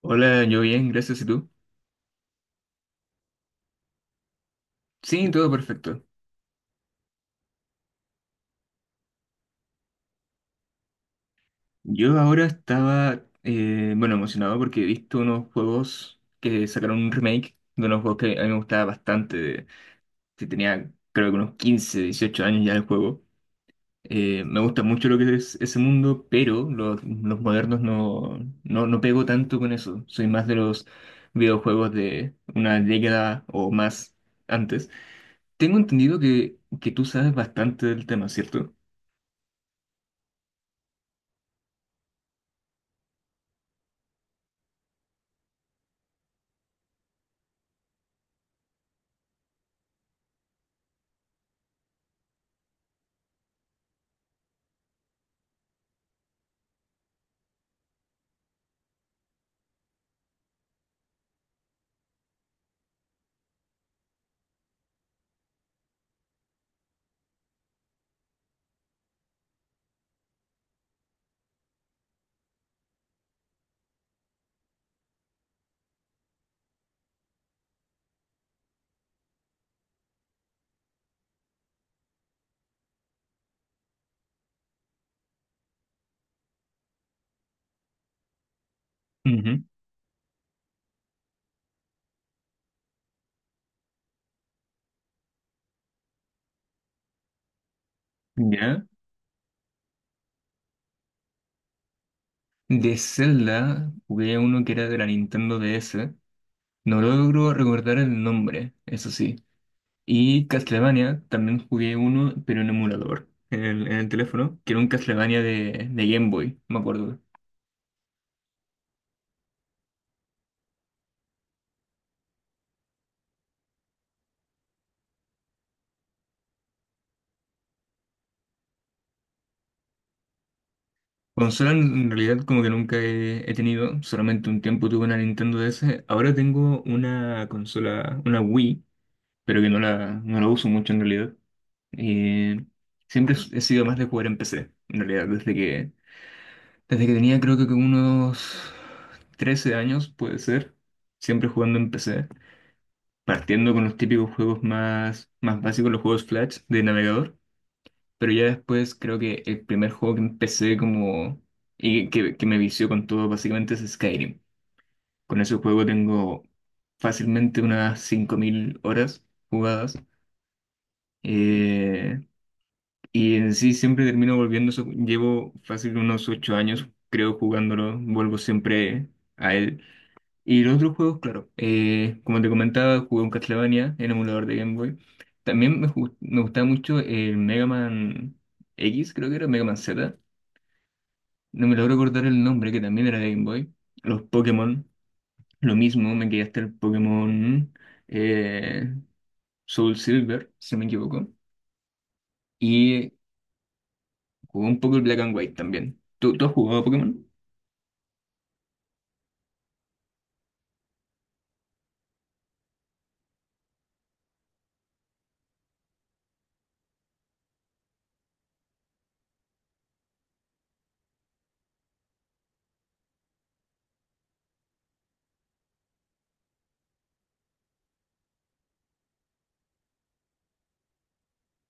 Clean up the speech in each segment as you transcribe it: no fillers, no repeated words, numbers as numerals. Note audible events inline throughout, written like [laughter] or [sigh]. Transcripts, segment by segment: Hola, yo bien, gracias. ¿Y tú? Sí, todo perfecto. Yo ahora estaba, bueno, emocionado porque he visto unos juegos que sacaron un remake de unos juegos que a mí me gustaba bastante. Que tenía, creo que unos 15, 18 años ya el juego. Me gusta mucho lo que es ese mundo, pero los modernos no pego tanto con eso. Soy más de los videojuegos de una década o más antes. Tengo entendido que tú sabes bastante del tema, ¿cierto? Ujú. ¿Ya? De Zelda, jugué uno que era de la Nintendo DS. No logro recordar el nombre, eso sí. Y Castlevania, también jugué uno, pero en emulador, en el teléfono, que era un Castlevania de Game Boy, me acuerdo. Consola en realidad como que nunca he tenido, solamente un tiempo tuve una Nintendo DS. Ahora tengo una consola, una Wii, pero que no la uso mucho en realidad. Eh, Siempre he sido más de jugar en PC, en realidad, desde que tenía creo que unos 13 años, puede ser, siempre jugando en PC, partiendo con los típicos juegos más básicos, los juegos Flash de navegador, pero ya después creo que el primer juego que empecé como que me vició con todo básicamente es Skyrim. Con ese juego tengo fácilmente unas 5.000 horas jugadas eh, y en sí siempre termino volviendo, llevo fácil unos 8 años creo jugándolo, vuelvo siempre a él. Y los otros juegos, claro, como te comentaba, jugué un Castlevania en emulador de Game Boy. También me gustaba mucho el Mega Man X, creo que era, Mega Man Z. No me logro acordar el nombre, que también era de Game Boy. Los Pokémon, lo mismo, me quedé hasta el Pokémon eh, Soul Silver, si no me equivoco. Y jugué un poco el Black and White también. ¿¿Tú has jugado a Pokémon?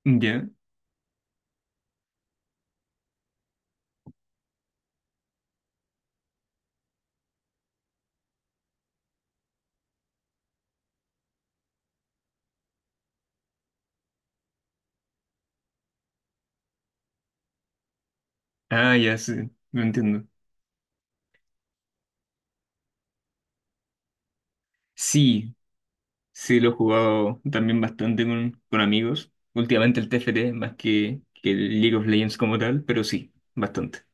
Ya. Ah, ya, sí, lo entiendo. Sí, sí, lo he jugado también bastante con amigos. Últimamente el TFT, más que el League of Legends como tal, pero sí, bastante.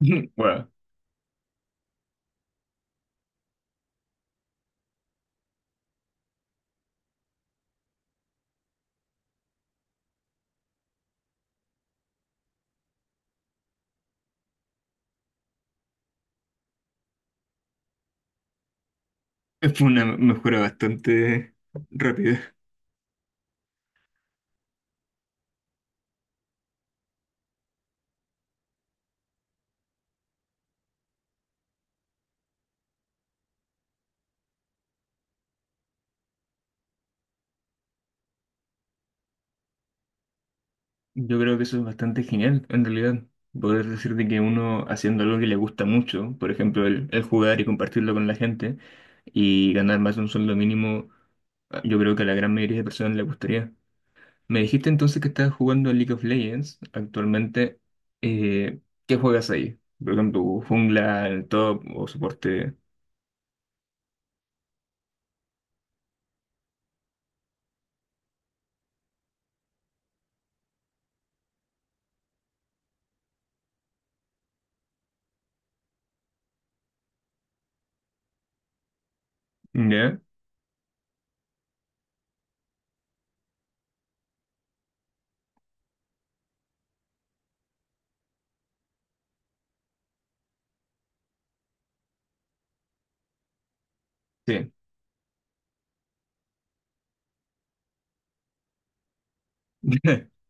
[laughs] Wow. Fue una mejora bastante rápida. Yo creo que eso es bastante genial, en realidad. Poder decir de que uno haciendo algo que le gusta mucho, por ejemplo, el jugar y compartirlo con la gente, y ganar más de un sueldo mínimo, ah, yo creo que a la gran mayoría de personas le gustaría. Me dijiste entonces que estás jugando a League of Legends actualmente. Eh, ¿Qué juegas ahí? Por ejemplo, jungla, el top o soporte. ¿Ya? Sí. [laughs]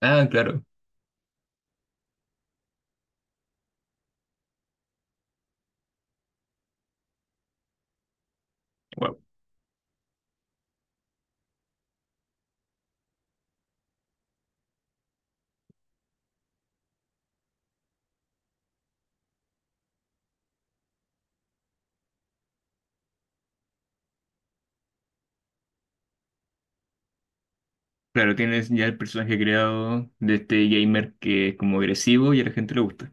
Ah, claro. Wow. Claro, tienes ya el personaje creado de este gamer que es como agresivo y a la gente le gusta.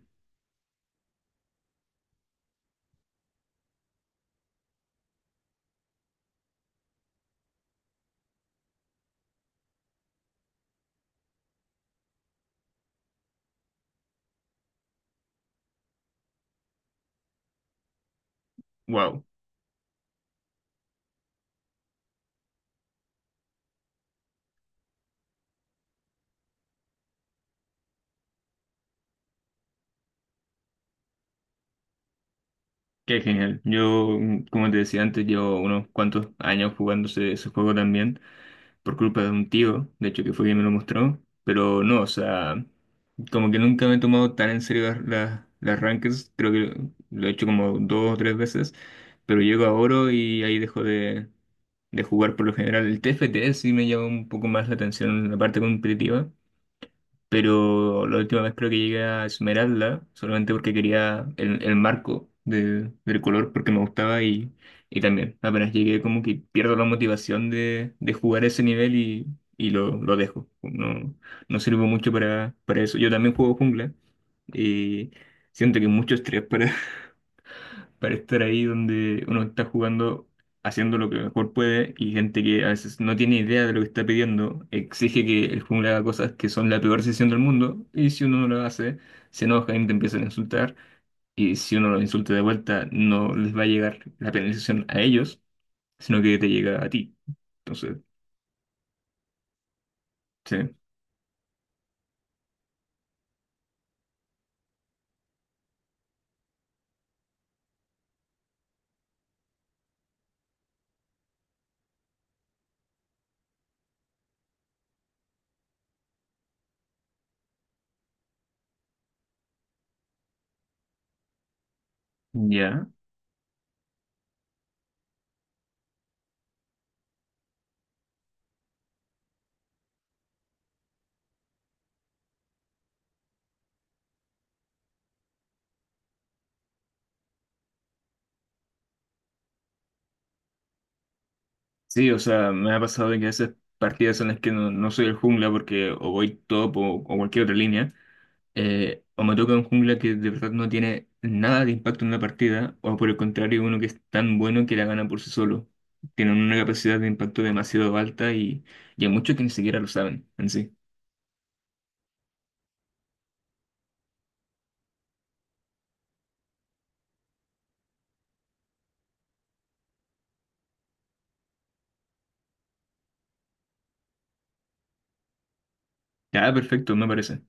Wow. Qué genial. Yo, mm, como te decía antes, llevo unos cuantos años jugando ese juego también. Por culpa de un tío, de hecho que fue quien me lo mostró, pero no, o sea, como que nunca me he tomado tan en serio las rankings, creo que lo he hecho como dos o tres veces, pero llego a oro y ahí dejo de jugar por lo general. El TFT sí me llama un poco más la atención en la parte competitiva, pero la última vez creo que llegué a Esmeralda solamente porque quería el marco del color porque me gustaba y también apenas llegué como que pierdo la motivación de jugar ese nivel y, lo dejo. No, no sirvo mucho para eso. Yo también juego jungla y siento que es mucho estrés para estar ahí donde uno está jugando, haciendo lo que mejor puede, y gente que a veces no tiene idea de lo que está pidiendo, exige que el jungla haga cosas que son la peor decisión del mundo, y si uno no lo hace, se enoja y te empiezan a insultar, y si uno lo insulta de vuelta, no les va a llegar la penalización a ellos, sino que te llega a ti. Entonces, sí, ya. Sí, o sea, me ha pasado de que a veces partidas en las que no, no soy el jungla porque o voy top o cualquier otra línea o me toca un jungla que de verdad no tiene nada de impacto en la partida, o por el contrario, uno que es tan bueno que la gana por sí solo. Tienen una capacidad de impacto demasiado alta y hay muchos que ni siquiera lo saben en sí. Ya, perfecto, me parece.